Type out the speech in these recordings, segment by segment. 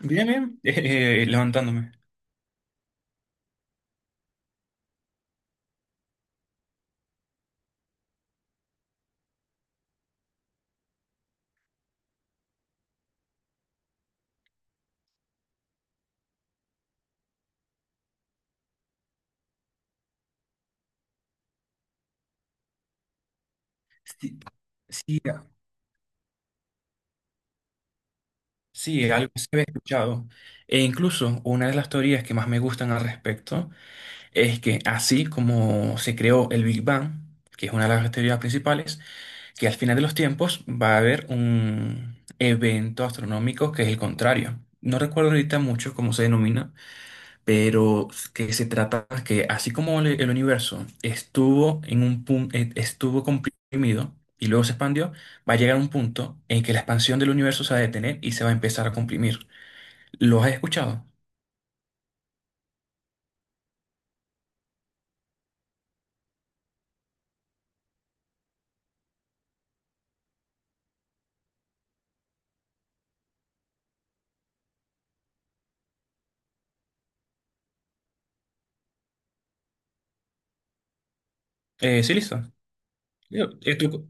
Bien, bien, levantándome. Sí, sí, sí, algo se había escuchado. E incluso una de las teorías que más me gustan al respecto es que así como se creó el Big Bang, que es una de las teorías principales, que al final de los tiempos va a haber un evento astronómico que es el contrario. No recuerdo ahorita mucho cómo se denomina, pero que se trata que así como el universo estuvo en un punto, estuvo comprimido y luego se expandió, va a llegar un punto en que la expansión del universo se va a detener y se va a empezar a comprimir. ¿Lo has escuchado? Sí, listo. Yo- eh, tú-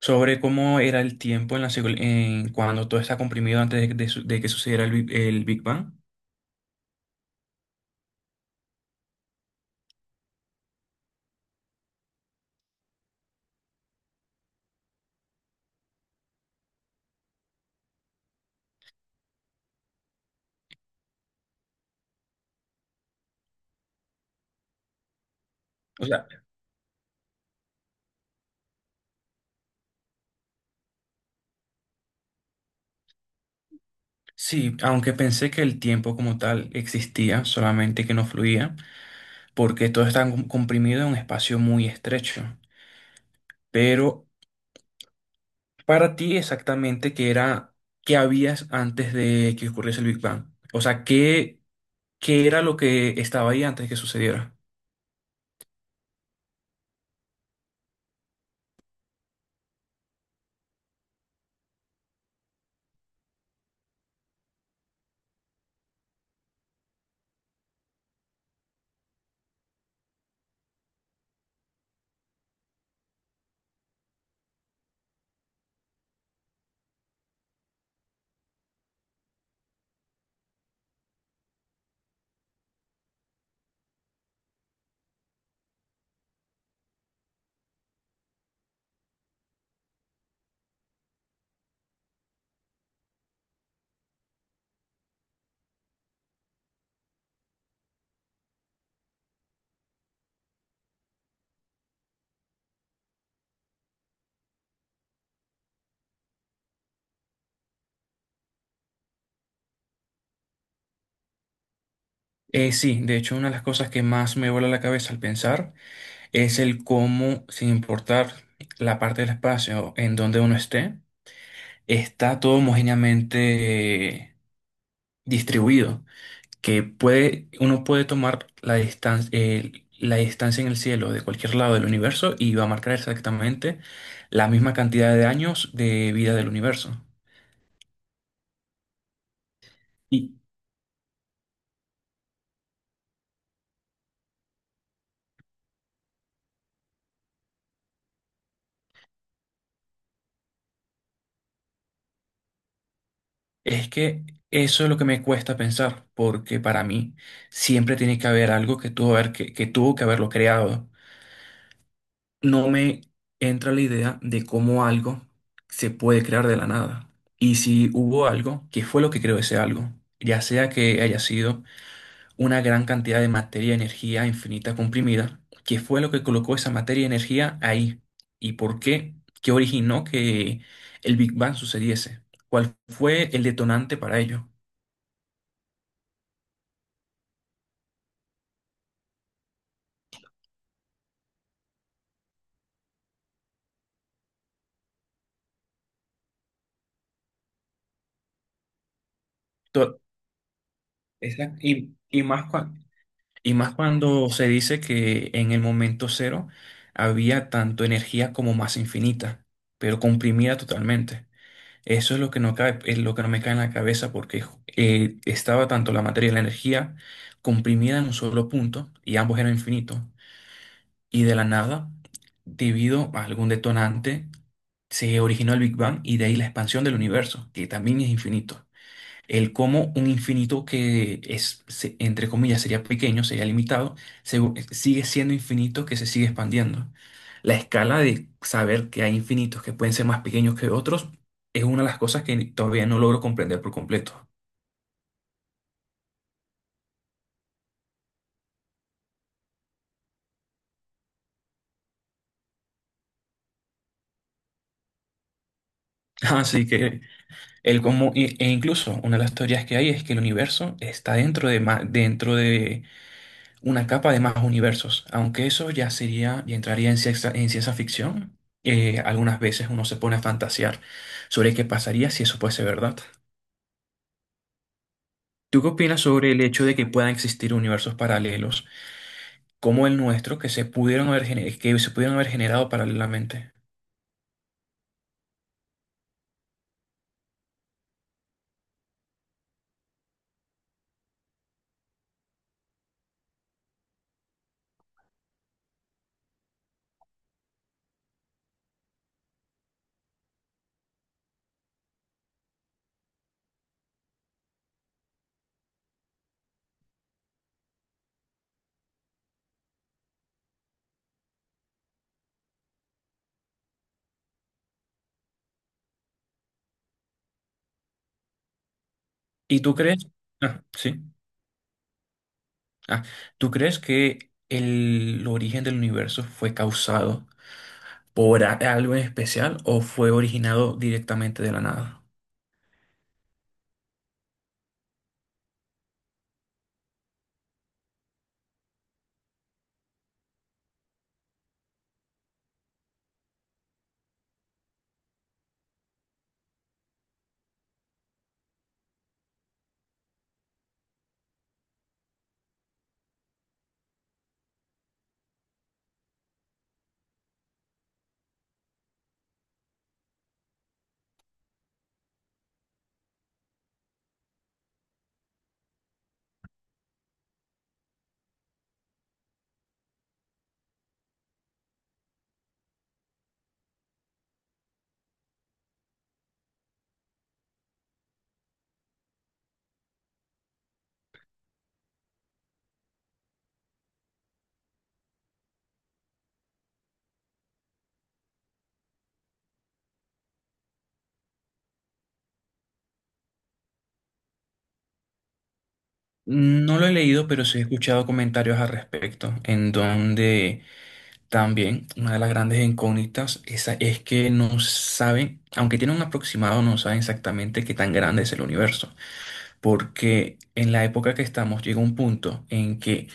Sobre cómo era el tiempo en en cuando todo está comprimido antes de que sucediera el Big Bang. O sea, sí, aunque pensé que el tiempo como tal existía, solamente que no fluía, porque todo está comprimido en un espacio muy estrecho. Pero para ti exactamente, ¿qué era, qué habías antes de que ocurriese el Big Bang? O sea, ¿qué, qué era lo que estaba ahí antes de que sucediera? Sí, de hecho, una de las cosas que más me vuela la cabeza al pensar es el cómo, sin importar la parte del espacio en donde uno esté, está todo homogéneamente distribuido, que puede, uno puede tomar la distancia en el cielo de cualquier lado del universo y va a marcar exactamente la misma cantidad de años de vida del universo. Y es que eso es lo que me cuesta pensar, porque para mí siempre tiene que haber algo que que tuvo que haberlo creado. No me entra la idea de cómo algo se puede crear de la nada. Y si hubo algo, ¿qué fue lo que creó ese algo? Ya sea que haya sido una gran cantidad de materia y energía infinita comprimida, que fue lo que colocó esa materia y energía ahí. ¿Y por qué? ¿Qué originó que el Big Bang sucediese? ¿Cuál fue el detonante para ello? To- Exacto. Y más cuando se dice que en el momento cero había tanto energía como masa infinita, pero comprimida totalmente. Eso es lo que no cabe, es lo que no me cae en la cabeza porque estaba tanto la materia y la energía comprimida en un solo punto y ambos eran infinitos. Y de la nada, debido a algún detonante, se originó el Big Bang y de ahí la expansión del universo, que también es infinito. El cómo un infinito que entre comillas, sería pequeño, sería limitado, se- sigue siendo infinito que se sigue expandiendo. La escala de saber que hay infinitos que pueden ser más pequeños que otros es una de las cosas que todavía no logro comprender por completo. Así que el cómo, incluso una de las teorías que hay es que el universo está dentro de, dentro de una capa de más universos, aunque eso ya sería, ya entraría en ciencia ficción. Algunas veces uno se pone a fantasear sobre qué pasaría si eso fuese verdad. ¿Tú qué opinas sobre el hecho de que puedan existir universos paralelos como el nuestro que se pudieron que se pudieron haber generado paralelamente? ¿Y tú crees? Ah, sí. Ah, ¿tú crees que el origen del universo fue causado por algo en especial o fue originado directamente de la nada? No lo he leído, pero sí he escuchado comentarios al respecto, en donde también una de las grandes incógnitas esa es que no saben, aunque tienen un aproximado, no saben exactamente qué tan grande es el universo, porque en la época que estamos llega un punto en que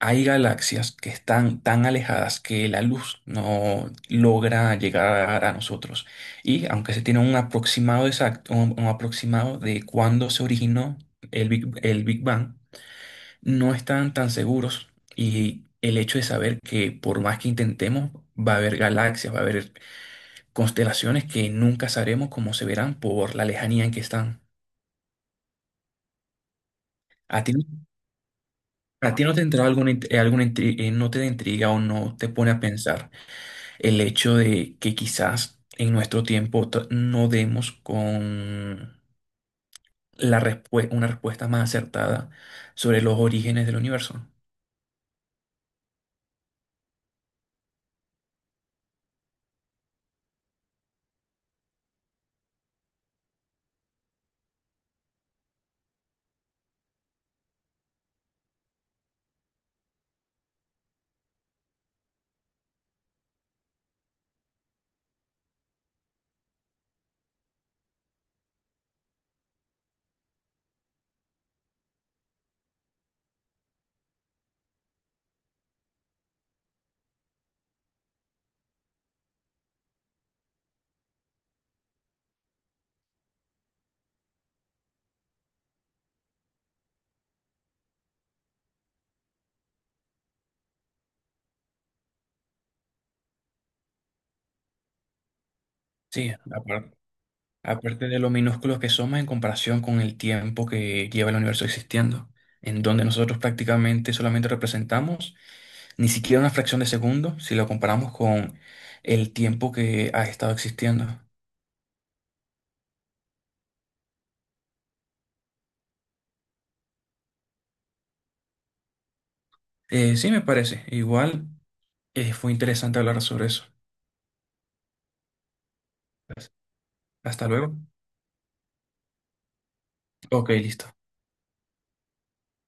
hay galaxias que están tan alejadas que la luz no logra llegar a nosotros. Y aunque se tiene un aproximado exacto, un aproximado de cuándo se originó el Big Bang, no están tan seguros, y el hecho de saber que por más que intentemos, va a haber galaxias, va a haber constelaciones que nunca sabremos cómo se verán por la lejanía en que están. ¿A ti, a ti no te entra alguna, alguna no te da intriga o no te pone a pensar el hecho de que quizás en nuestro tiempo no demos con una respuesta más acertada sobre los orígenes del universo? Sí, aparte de lo minúsculos que somos en comparación con el tiempo que lleva el universo existiendo, en donde nosotros prácticamente solamente representamos ni siquiera una fracción de segundo si lo comparamos con el tiempo que ha estado existiendo. Sí, me parece. Igual fue interesante hablar sobre eso. Hasta luego. Ok, listo.